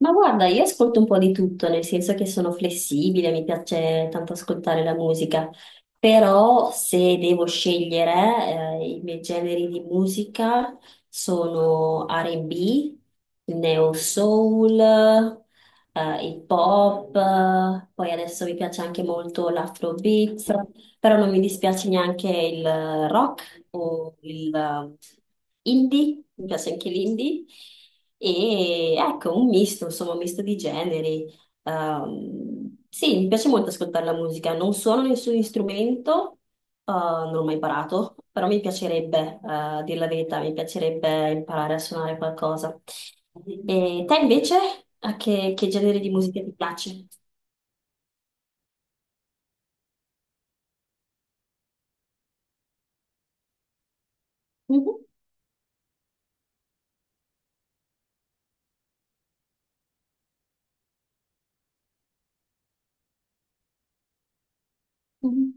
Ma guarda, io ascolto un po' di tutto, nel senso che sono flessibile, mi piace tanto ascoltare la musica, però se devo scegliere, i miei generi di musica sono R&B, neo soul, il pop, poi adesso mi piace anche molto l'afrobeat, però non mi dispiace neanche il rock o il indie, mi piace anche l'indie. E ecco, un misto, insomma, un misto di generi. Sì, mi piace molto ascoltare la musica. Non suono nessun strumento, non l'ho mai imparato, però mi piacerebbe, a dir la verità, mi piacerebbe imparare a suonare qualcosa. E te invece, a che genere di musica ti piace? Mhm, mhm,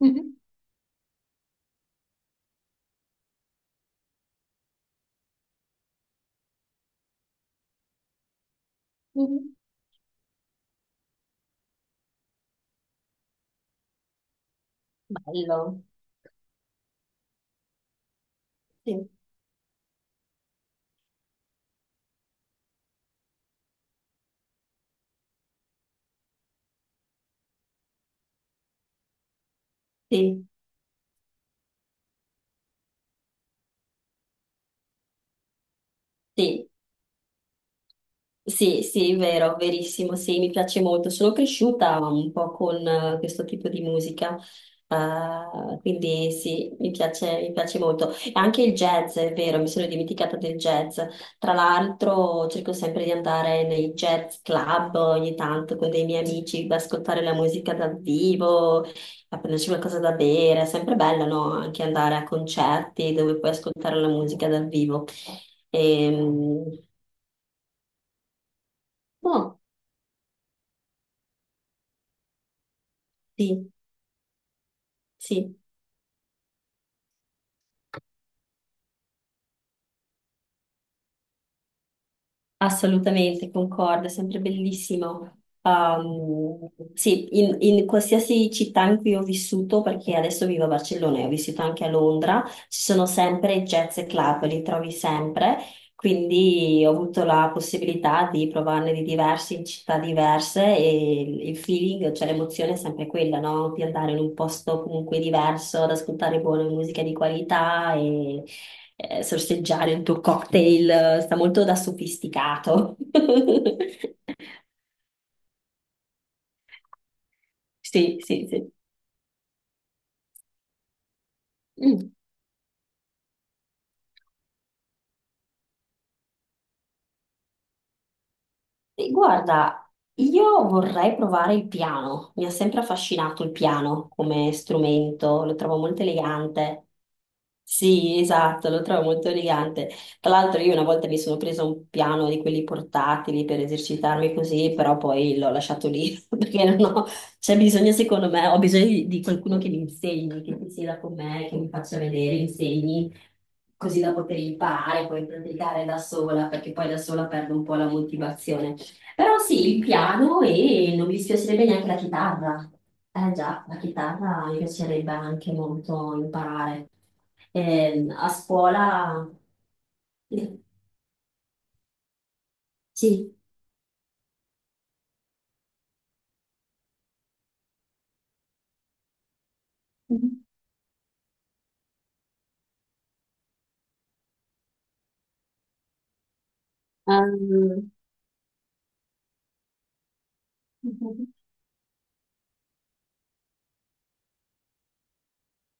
mhm, mhm. Bello. Sì. Sì, sì, sì, sì, vero, verissimo, sì, mi piace molto. Sono cresciuta un po' con questo tipo di musica, quindi sì, mi piace molto. E anche il jazz, è vero, mi sono dimenticata del jazz. Tra l'altro cerco sempre di andare nei jazz club ogni tanto con dei miei amici, ad ascoltare la musica dal vivo, a prenderci qualcosa da bere. È sempre bello, no? Anche andare a concerti dove puoi ascoltare la musica dal vivo. E, sì, sì, assolutamente, concordo, è sempre bellissimo. Sì, in qualsiasi città in cui ho vissuto, perché adesso vivo a Barcellona e ho vissuto anche a Londra, ci sono sempre jazz e club, li trovi sempre, quindi ho avuto la possibilità di provarne di diversi in città diverse e il feeling, cioè l'emozione è sempre quella, no? Di andare in un posto comunque diverso, ad ascoltare buona musica di qualità e sorseggiare un tuo cocktail, sta molto da sofisticato. Sì, sì, sì. Mm. E guarda, io vorrei provare il piano. Mi ha sempre affascinato il piano come strumento, lo trovo molto elegante. Sì, esatto, lo trovo molto elegante. Tra l'altro io una volta mi sono presa un piano di quelli portatili per esercitarmi così, però poi l'ho lasciato lì perché non ho, c'è bisogno, secondo me, ho bisogno di, qualcuno che mi insegni, che mi sieda con me, che mi faccia vedere, insegni, così da poter imparare, poi praticare da sola, perché poi da sola perdo un po' la motivazione, però sì, il piano, e non mi dispiacerebbe neanche la chitarra. Eh già, la chitarra mi piacerebbe anche molto imparare. A scuola... Sì. Ehm,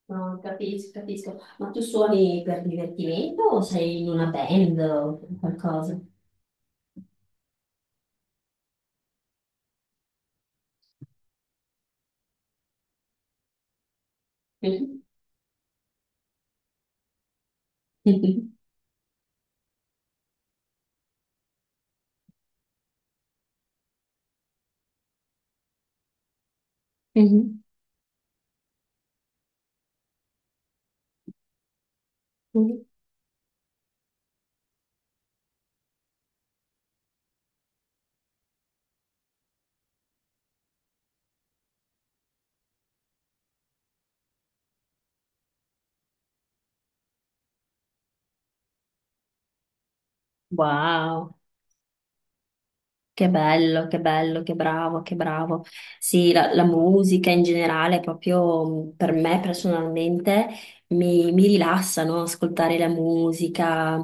No, capisco, capisco. Ma tu suoni per divertimento o sei in una band o qualcosa? Mhm. Mhm. Mhm. Wow. Che bello, che bello, che bravo, che bravo. Sì, la musica in generale, proprio per me personalmente, mi rilassa, no? Ascoltare la musica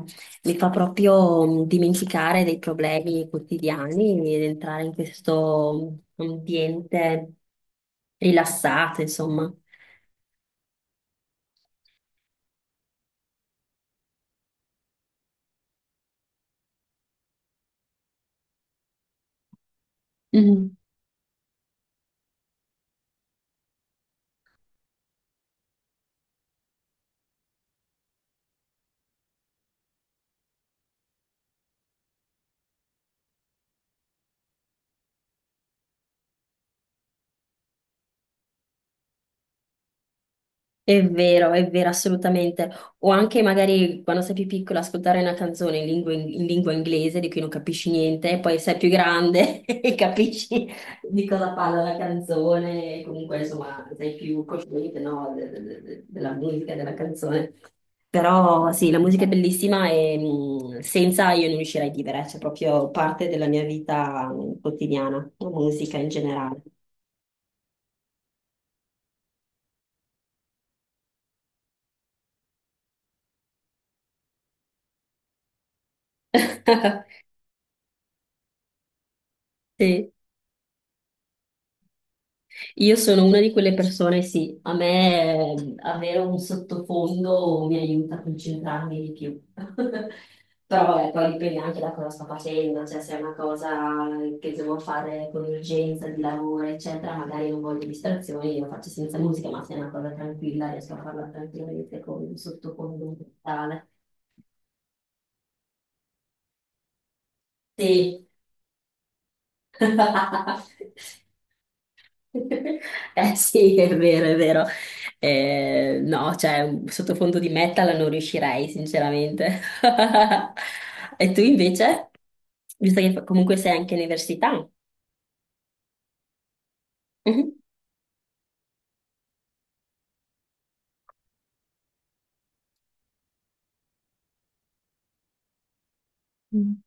mi fa proprio dimenticare dei problemi quotidiani ed entrare in questo ambiente rilassato, insomma. Mhm. È vero, assolutamente. O anche magari quando sei più piccola ascoltare una canzone in lingua inglese di cui non capisci niente, e poi sei più grande e capisci di cosa parla la canzone, e comunque insomma sei più cosciente, no, della musica, e della canzone. Però sì, la musica è bellissima e senza io non riuscirei a vivere, c'è proprio parte della mia vita quotidiana, la musica in generale. Sì. Io sono una di quelle persone, sì, a me avere un sottofondo mi aiuta a concentrarmi di più. Però vabbè, poi dipende anche da cosa sto facendo, cioè se è una cosa che devo fare con urgenza di lavoro, eccetera, magari non voglio distrazioni, lo faccio senza musica, ma se è una cosa tranquilla riesco a farla tranquillamente con un sottofondo musicale. Sì. Eh sì, è vero, è vero. No, cioè, un sottofondo di metal non riuscirei, sinceramente. E tu invece? Visto che comunque sei anche all'università. Mhm. Mm.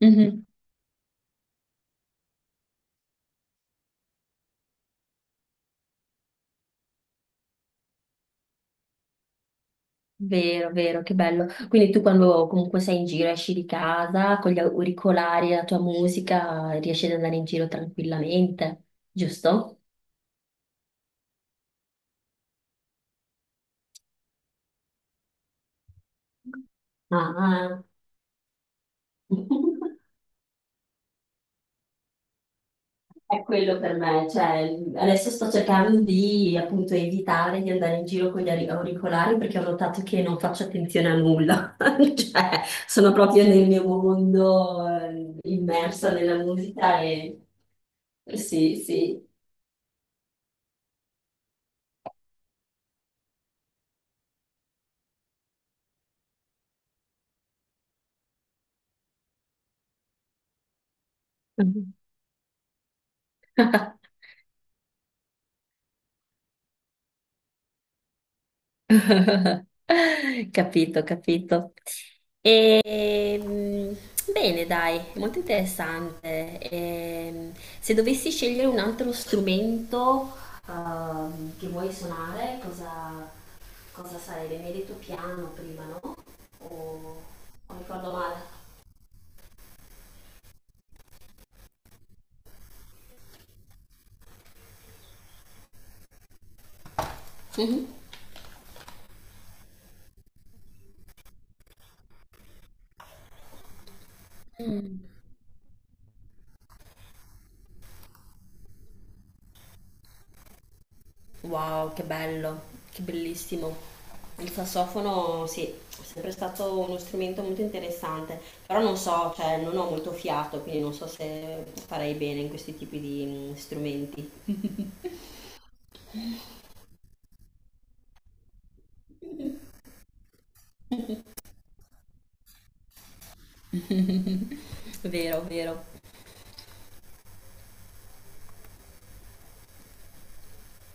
Mhm. Vero, vero, che bello. Quindi tu quando comunque sei in giro, esci di casa con gli auricolari, e la tua musica, riesci ad andare in giro tranquillamente, giusto? Ah. È quello per me, cioè adesso sto cercando di appunto evitare di andare in giro con gli auricolari perché ho notato che non faccio attenzione a nulla, cioè sono proprio nel mio mondo, immersa nella musica, e sì, sì. Capito, capito. Ehm, Bene, dai, molto interessante. Se dovessi scegliere un altro strumento, che vuoi suonare, cosa sarebbe? Mi hai detto piano prima, no? O, o ricordo male? Mhm. Wow, che bello, che bellissimo. Il sassofono sì, è sempre stato uno strumento molto interessante, però non so, cioè non ho molto fiato, quindi non so se farei bene in questi tipi di strumenti. Vero, vero.